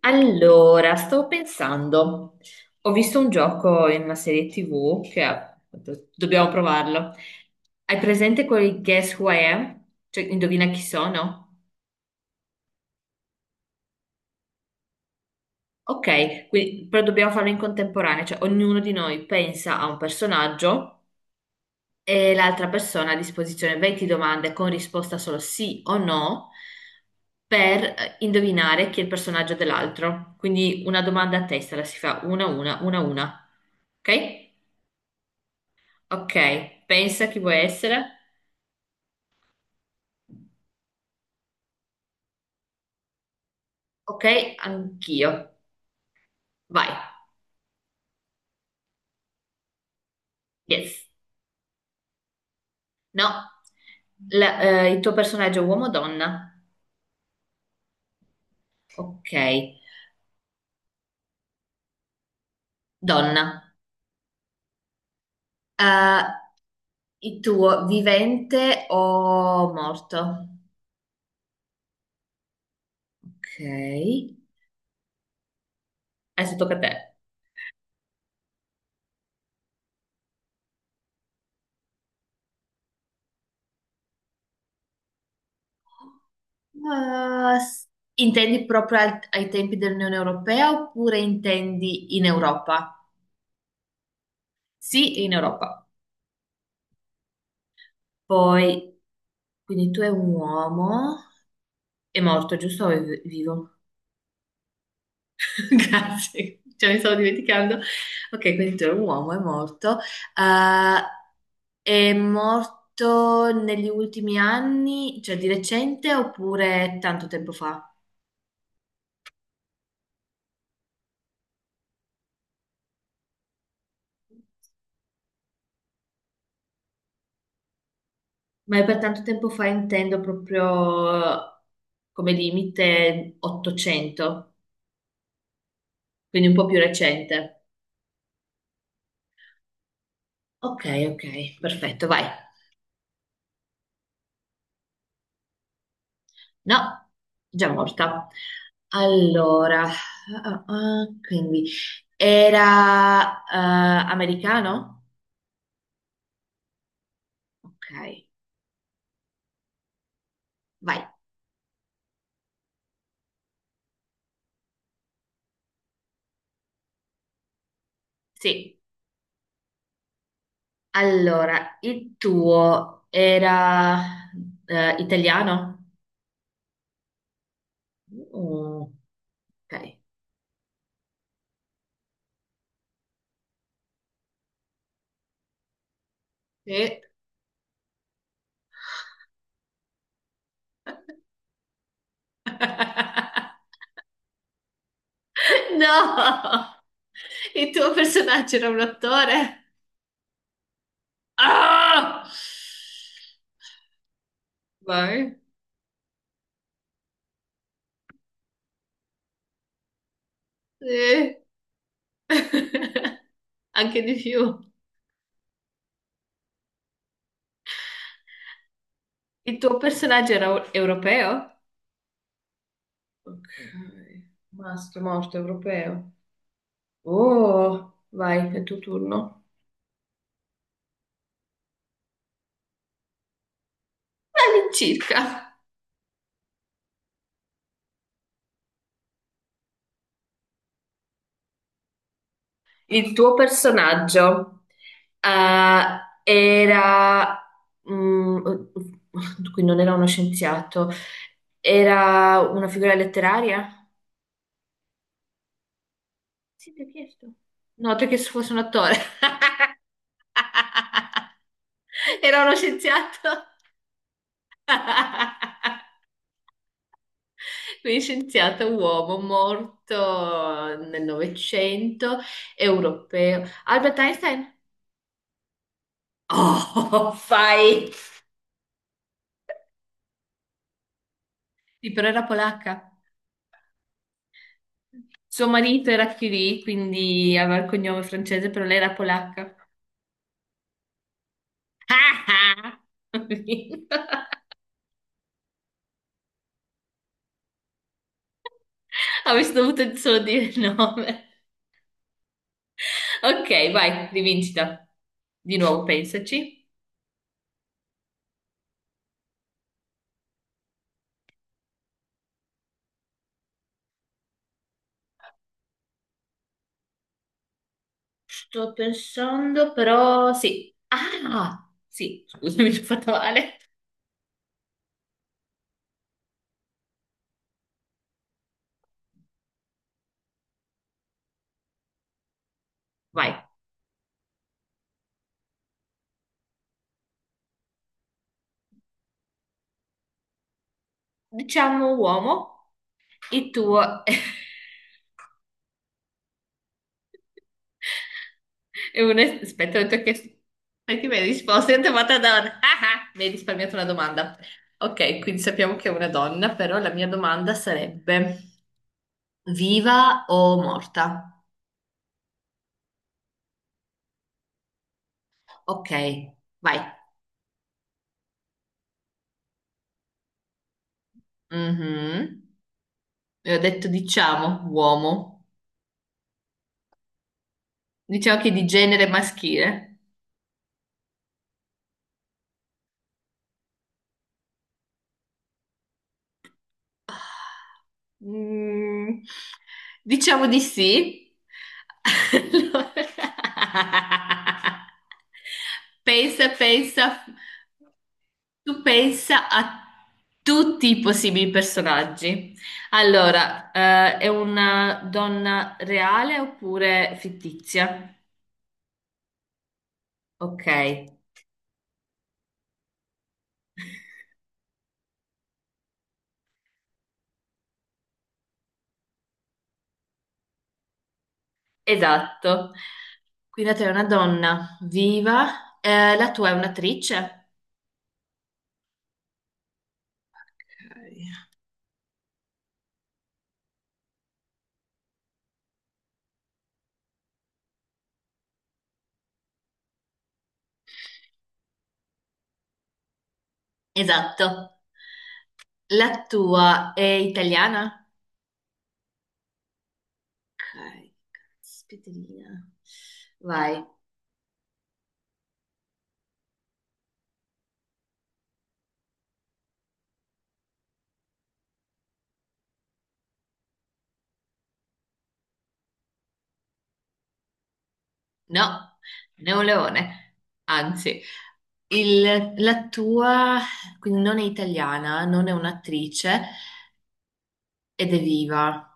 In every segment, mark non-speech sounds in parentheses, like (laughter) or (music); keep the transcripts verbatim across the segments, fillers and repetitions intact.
Allora, stavo pensando, ho visto un gioco in una serie ti vù che ha- do- dobbiamo provarlo. Hai presente quel Guess Who I Am? Cioè, indovina chi sono? Ok, quindi- però dobbiamo farlo in contemporanea, cioè ognuno di noi pensa a un personaggio e l'altra persona ha a disposizione venti domande con risposta solo sì o no per eh, indovinare chi è il personaggio dell'altro. Quindi una domanda a testa la si fa una, a una, una, a una. Ok? Ok, pensa chi vuoi essere. Ok, anch'io. Vai. Yes. No. La- eh, il tuo personaggio è uomo o donna? Ok, donna. Eh, il tuo vivente o morto? Ok. Adesso tocca a te. Eh, s- Intendi proprio al- ai tempi dell'Unione Europea oppure intendi in Europa? Sì, in Europa. Poi, quindi tu è un uomo, è morto, giusto? O è vi- vivo? (laughs) Grazie, cioè mi stavo dimenticando. Ok, quindi tu è un uomo, è morto. Eh, è morto negli ultimi anni, cioè di recente oppure tanto tempo fa? Ma per tanto tempo fa intendo proprio come limite ottocento, quindi un po' più recente. Ok, ok, perfetto, vai. No, già morta. Allora, ah, ah, ah, quindi era eh, americano? Ok, vai. Sì. Allora, il tuo era eh, italiano? Mm, ok. Sì. (laughs) No! Il tuo personaggio era un attore? Ah! Vai. Sì. (laughs) Anche di più. Il tuo personaggio era europeo? Ok. Maschio morto europeo. Oh, vai, è il tuo turno. All'incirca. Il tuo personaggio eh, era... mm, (laughs) quindi non era uno scienziato, era una figura letteraria? Sì, ti ho chiesto. No, perché se fosse un attore. (laughs) Era uno scienziato. (laughs) Quindi scienziato uomo morto nel Novecento, europeo. Albert Einstein? Oh, (laughs) fai! Sì, però era polacca. Suo marito era Curie, quindi aveva il cognome francese, però lei era polacca. Ah, ah! (laughs) Avresti dovuto solo dire il nome. Ok, vai, rivincita. Di nuovo, pensaci. Sto pensando, però sì. Ah, sì, scusami, (laughs) ci ho fatto male. Vai. Diciamo uomo, il tuo (laughs) è un... Aspetta, ho detto che... Perché mi hai risposto? Io ti ho fatto donna. Ah, ah, mi hai risparmiato una domanda. Ok, quindi sappiamo che è una donna, però la mia domanda sarebbe viva o morta? Ok, vai. Mhm. E ho detto diciamo uomo. Diciamo che è di genere maschile. Mm, diciamo di sì. (laughs) Allora... (laughs) Pensa, pensa, tu pensa a tutti i possibili personaggi. Allora, eh, è una donna reale oppure fittizia? Ok, esatto. Qui la tua è una donna viva, eh, la tua è un'attrice. Ok. Esatto. La tua è italiana? Ok, caspiterina. Vai. No, non è un leone. Anzi, il- la tua quindi non è italiana, non è un'attrice ed è viva.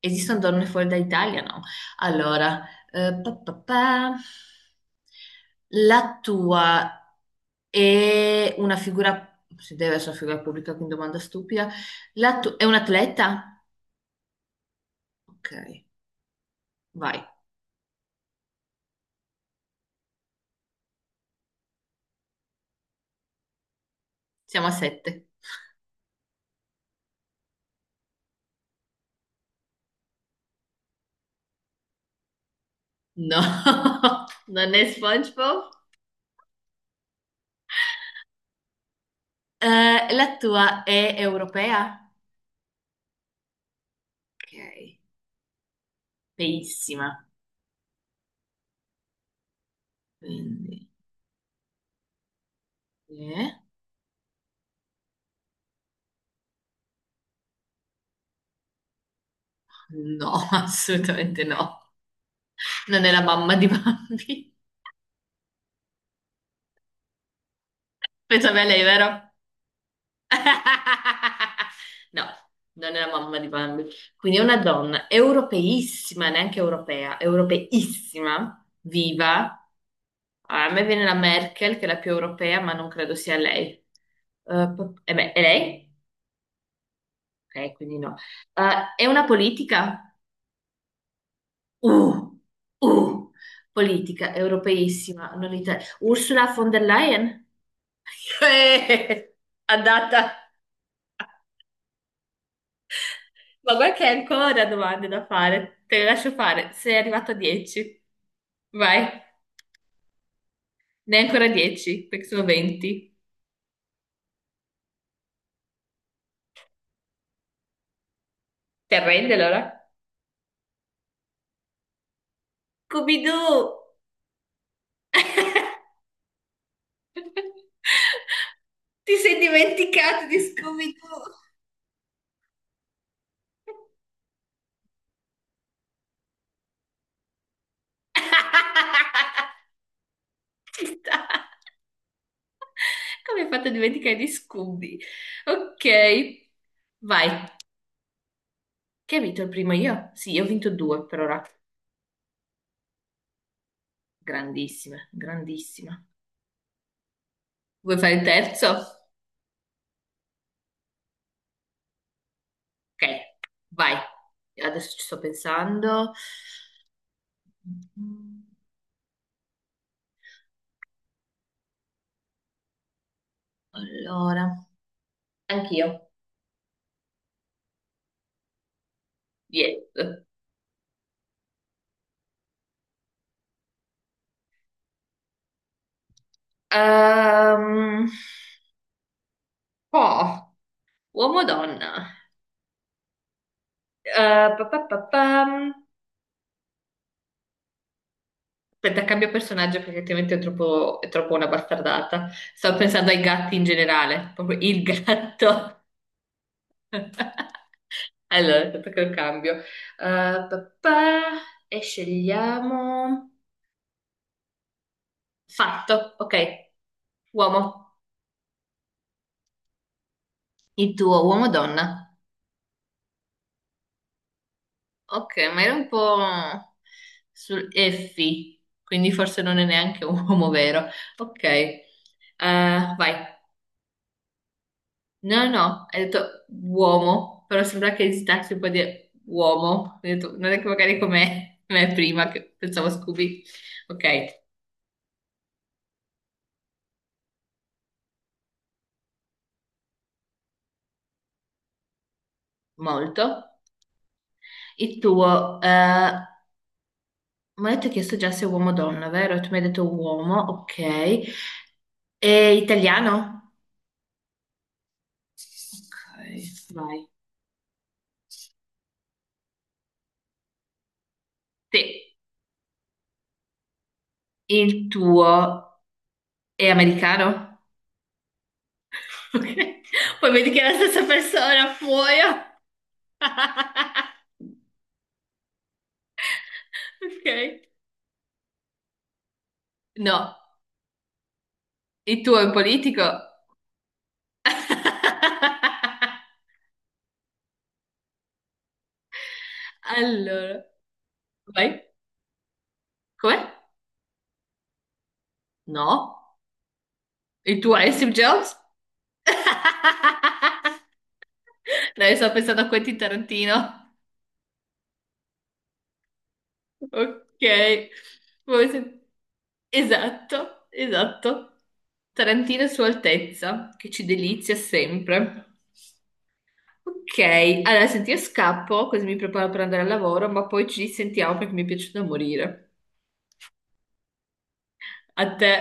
Esistono donne fuori dall'Italia? No. Allora, eh, pa, pa, pa. La tua è una figura, se deve essere una figura pubblica, quindi domanda stupida. La tua è un atleta? Ok. Vai, siamo a sette. No, (laughs) non è SpongeBob. Eh, la tua è europea? Ok, feissima. Quindi, eh? No, (laughs) assolutamente no. Non è la mamma di Bambi. Pensavi a lei, vero? (laughs) No, non è la mamma di Bambi. Quindi è una donna europeissima, neanche europea, europeissima, viva. Allora, a me viene la Merkel, che è la più europea, ma non credo sia lei. Eh, p- eh beh, è lei? Ok, quindi no. Eh, è una politica? Uh, uh, politica europeissima, non ita- Ursula von der Leyen? (laughs) Eh, andata. Ma guarda che hai ancora domande da fare. Te le lascio fare. Sei arrivato a dieci. Vai. Ne hai ancora dieci, perché sono venti. Ti arrendi allora? Scooby-Doo! (laughs) Ti sei dimenticato di Scooby-Doo? (laughs) Ci sta. Come hai fatto a dimenticare di Scooby? Ok, vai. Che ha vinto il primo io? Sì, io ho vinto due per ora. Grandissima, grandissima. Vuoi fare il terzo? Ok, vai. Adesso ci sto pensando. Allora, anch'io. Yes. Ehm, oh, uomo o donna? Eh, pa, pa, pa, pam. Aspetta, cambio personaggio perché altrimenti è troppo, è troppo una bastardata. Stavo pensando ai gatti in generale, proprio il gatto. (laughs) Allora, aspetta che lo cambio. Eh, pa, pa, e scegliamo... Fatto, ok. Uomo. Il tuo uomo o donna? Ok, ma era un po' sul effi, quindi forse non è neanche un uomo vero. Ok, eh, vai. No, no, no, hai detto uomo, però sembra che esitassi un po' di uomo. Ho detto, non è che magari come me prima, che pensavo Scooby. Ok, molto. Il tuo, eh, mi hai detto che chiesto già se è uomo o donna, vero? Tu mi hai detto uomo, ok. È italiano? Ok, vai. Sì. Il tuo è americano? (laughs) Ok. Poi vedi che è la stessa persona, muoio. (laughs) Ok. No, il tuo è un politico? (laughs) Allora, vai. Com'è? No. Il tuo è Steve Jobs? (laughs) Dai, sto pensando a Quentin Tarantino. Ok. Vuoi sen- Esatto, esatto. Tarantino Sua Altezza, che ci delizia sempre. Ok, allora senti, io scappo, così mi preparo per andare al lavoro, ma poi ci sentiamo perché mi è piaciuto da morire. A te.